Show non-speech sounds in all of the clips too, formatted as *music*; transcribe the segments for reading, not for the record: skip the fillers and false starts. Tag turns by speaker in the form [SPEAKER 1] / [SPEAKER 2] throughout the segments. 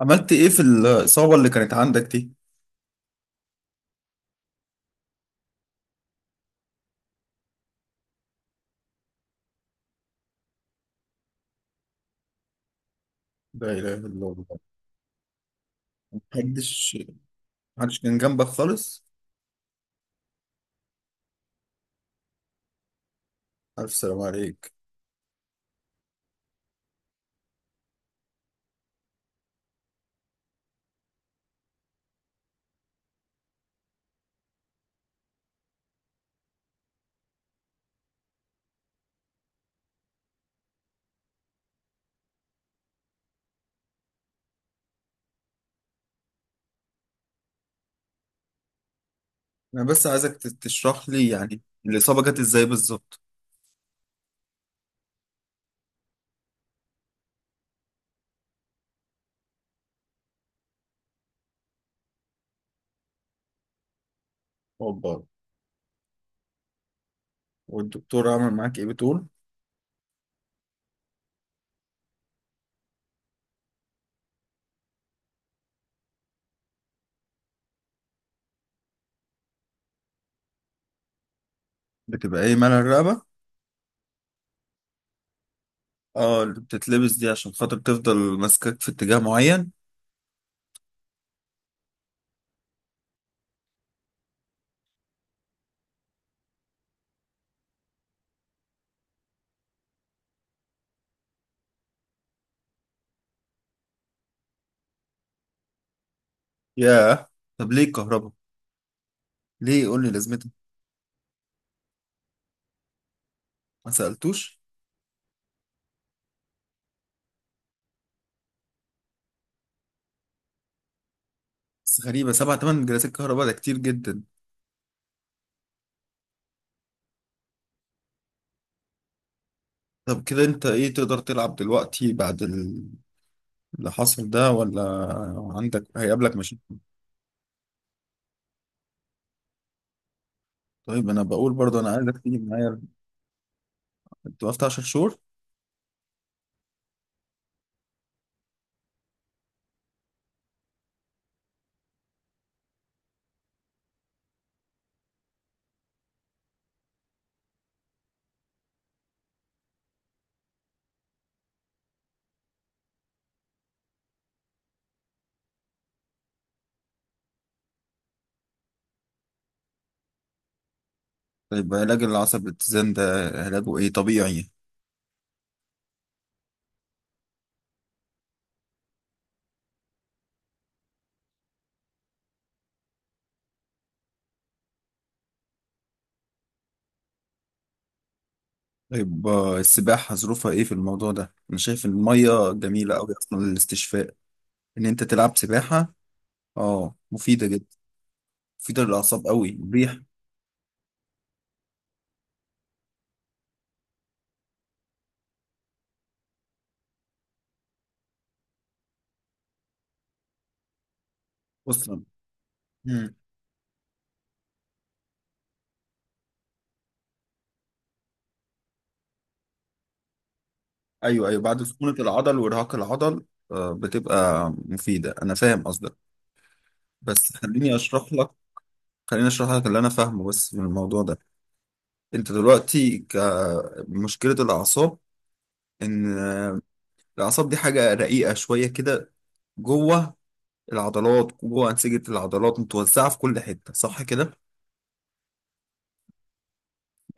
[SPEAKER 1] عملت ايه في الإصابة اللي كانت عندك دي؟ لا إله إلا الله. محدش محدش كان جنبك خالص؟ ألف سلام عليك. أنا بس عايزك تشرح لي يعني الإصابة جت إزاي بالظبط؟ أوبا. والدكتور عمل معاك إيه بتقول؟ بتبقى إيه مال الرقبة؟ اه، اللي بتتلبس دي عشان خاطر تفضل ماسكاك في اتجاه معين. ياه، طب ليه الكهرباء؟ ليه قول لي لازمتها؟ ما سألتوش؟ بس غريبة، سبع تمن جلسات كهرباء ده كتير جدا. طب كده انت ايه، تقدر تلعب دلوقتي بعد اللي حصل ده ولا عندك هيقابلك مشاكل؟ طيب انا بقول برضه انا عايزك تيجي معايا. انت وقفت 10 شهور؟ طيب علاج العصب الاتزان ده علاجه ايه طبيعي؟ طيب السباحة ظروفها ايه في الموضوع ده؟ انا شايف المية جميلة قوي اصلا للاستشفاء ان انت تلعب سباحة. اه مفيدة جدا، مفيدة للاعصاب قوي، مريح. اصلا مم. ايوه ايوه، بعد سخونة العضل وارهاق العضل بتبقى مفيدة، انا فاهم قصدك. بس خليني اشرح لك، خليني اشرح لك اللي انا فاهمه بس من الموضوع ده. انت دلوقتي كمشكلة الأعصاب، إن الأعصاب دي حاجة رقيقة شوية كده، جوه العضلات، جوه أنسجة العضلات متوزعة في كل حتة، صح كده؟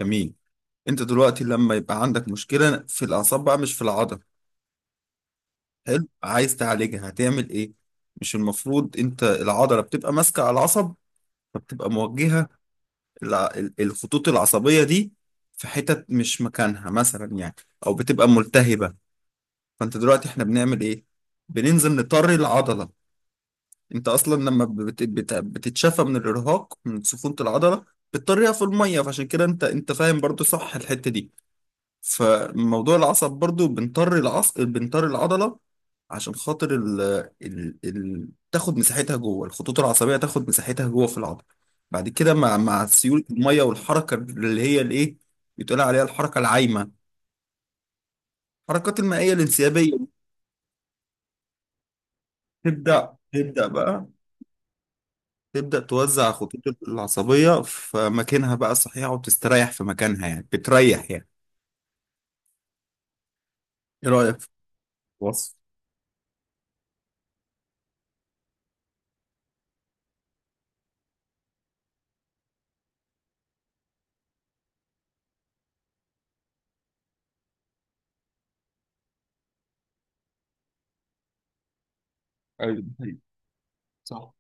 [SPEAKER 1] جميل. انت دلوقتي لما يبقى عندك مشكلة في الأعصاب بقى مش في العضلة، حلو، عايز تعالجها هتعمل إيه؟ مش المفروض انت العضلة بتبقى ماسكة على العصب فبتبقى موجهة؟ الع- الخطوط العصبية دي في حتت مش مكانها مثلا يعني، أو بتبقى ملتهبة. فانت دلوقتي احنا بنعمل ايه؟ بننزل نطري العضله. انت اصلا لما بتتشافى من الارهاق من سفونه العضله بتطريها في الميه، فعشان كده انت فاهم برضو صح الحته دي. فموضوع العصب برضو بنطري العصب، بنطري العضله عشان خاطر تاخد مساحتها جوه الخطوط العصبيه، تاخد مساحتها جوه في العضله. بعد كده مع سيول الميه والحركه اللي هي الايه، بتقول عليها الحركه العايمه، الحركات المائيه الانسيابيه، تبدا بقى تبدأ توزع الخطوط العصبية في مكانها بقى الصحيح وتستريح في مكانها، يعني بتريح يعني. ايه رأيك في الوصف؟ ايوه ده حقيقي. صح.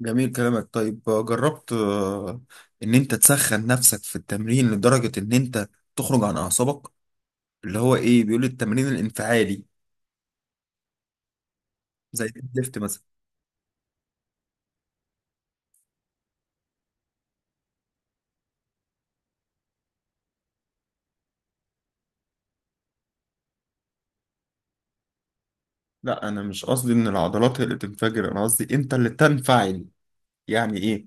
[SPEAKER 1] جميل كلامك. طيب جربت ان انت تسخن نفسك في التمرين لدرجة ان انت تخرج عن اعصابك، اللي هو ايه بيقول التمرين الانفعالي، زي الديدليفت مثلا؟ لا انا مش قصدي ان العضلات هي اللي تنفجر، انا قصدي انت اللي تنفعل. يعني ايه؟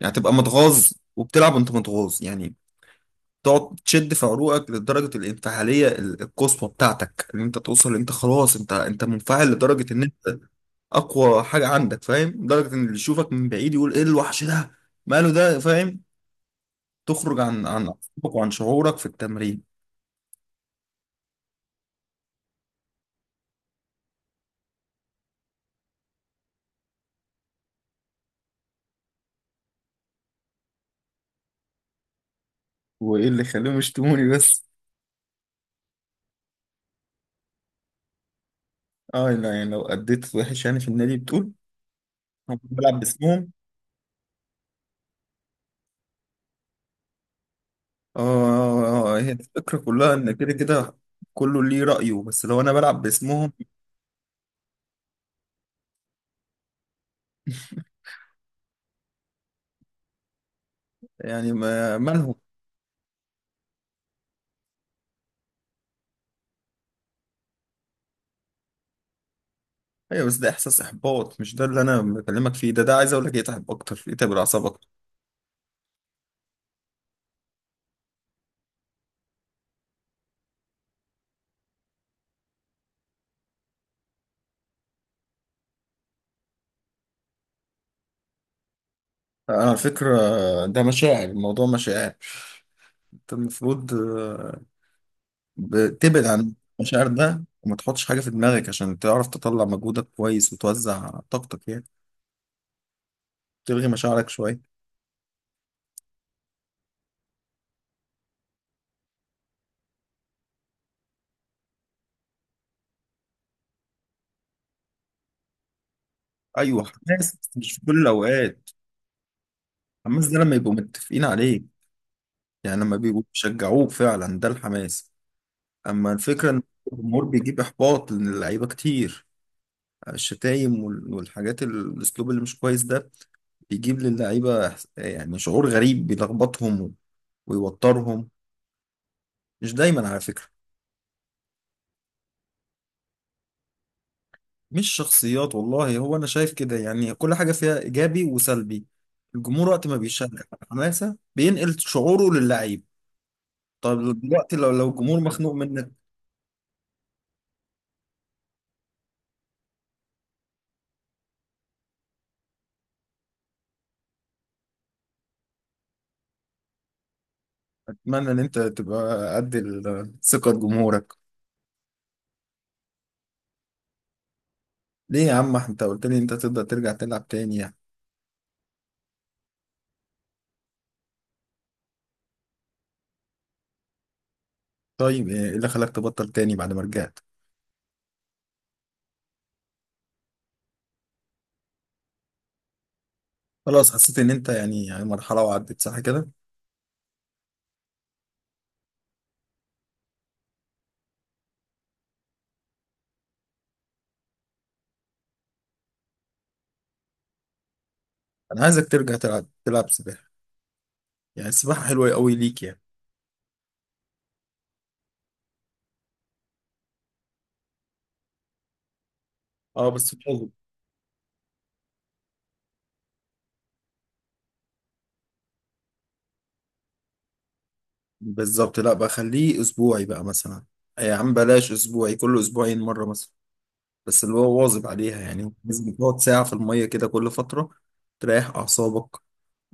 [SPEAKER 1] يعني تبقى متغاظ وبتلعب وانت متغاظ، يعني تقعد تشد في عروقك لدرجه الانفعاليه القصوى بتاعتك، ان انت توصل انت خلاص انت منفعل لدرجه ان انت اقوى حاجه عندك، فاهم؟ لدرجه ان اللي يشوفك من بعيد يقول ايه الوحش ده، ماله ده، فاهم؟ تخرج عن عقلك وعن شعورك في التمرين. وايه اللي خليهم يشتموني بس؟ اه لا، يعني لو اديت وحش يعني في النادي بتقول؟ أنا كنت بلعب باسمهم. اه، هي الفكره كلها ان كده كده كله ليه رايه، بس لو انا بلعب باسمهم، *laughs* يعني مالهم؟ ايوه بس ده احساس احباط، مش ده اللي انا بكلمك فيه. ده ده عايز اقول لك يتعب اكتر، يتعب الاعصاب اكتر. انا على فكره ده مشاعر، الموضوع مشاعر. انت المفروض بتبعد عن المشاعر ده، وما تحطش حاجه في دماغك عشان تعرف تطلع مجهودك كويس وتوزع طاقتك، يعني تلغي مشاعرك شويه. ايوه حماس بس مش في كل الاوقات. الحماس ده لما يبقوا متفقين عليه، يعني لما بيبقوا بيشجعوك فعلا ده الحماس. اما الفكره ان الجمهور بيجيب احباط لان اللعيبه كتير، الشتايم والحاجات الاسلوب اللي مش كويس ده بيجيب للعيبه يعني شعور غريب بيلخبطهم ويوترهم، مش دايما على فكره. مش شخصيات والله، هو انا شايف كده يعني كل حاجه فيها ايجابي وسلبي. الجمهور وقت ما بيشجع حماسه بينقل شعوره للعيب. طب دلوقتي لو الجمهور مخنوق منك؟ اتمنى ان انت تبقى قد ثقه جمهورك. ليه يا عم، انت قلت لي انت تقدر ترجع تلعب تاني يعني؟ طيب ايه اللي خلاك تبطل تاني بعد ما رجعت؟ خلاص حسيت ان انت يعني يعني مرحله وعدت، صح كده؟ انا عايزك ترجع تلعب، تلعب سباحه، يعني السباحه حلوه قوي ليك يعني. اه بس مش لازم. بالظبط لا بقى، خليه اسبوعي بقى مثلا. يا عم بلاش اسبوعي، كل اسبوعين مره مثلا، بس اللي هو واظب عليها. يعني لازم تقعد ساعه في الميه كده كل فتره، تريح اعصابك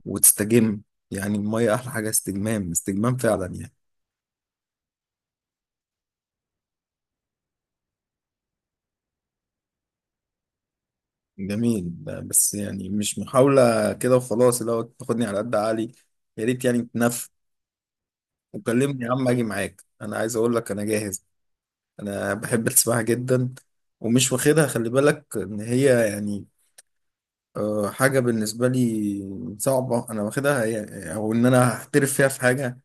[SPEAKER 1] وتستجم. يعني الميه احلى حاجه، استجمام استجمام فعلا يعني. جميل. بس يعني مش محاولة كده وخلاص، اللي هو تاخدني على قد عقلي، يا ريت يعني. وكلمني يا عم اجي معاك، انا عايز اقول لك انا جاهز. انا بحب السباحة جدا، ومش واخدها، خلي بالك ان هي يعني حاجة بالنسبة لي صعبة انا واخدها او ان انا هحترف فيها في حاجة.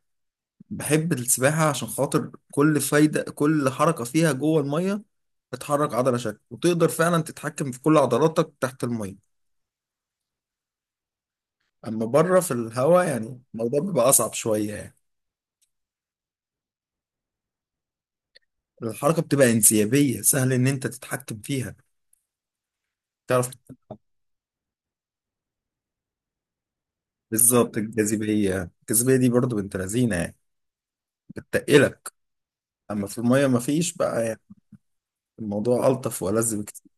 [SPEAKER 1] بحب السباحة عشان خاطر كل فايدة كل حركة فيها جوه المية بتحرك عضلة شكل، وتقدر فعلا تتحكم في كل عضلاتك تحت المية. اما بره في الهواء يعني الموضوع بيبقى اصعب شوية يعني. الحركة بتبقى انسيابية، سهل ان انت تتحكم فيها، تعرف. بالظبط، الجاذبية، الجاذبية دي برضو بنت لذينة يعني، بتتقلك. أما في المية مفيش بقى يعني، الموضوع ألطف وألذ بكتير.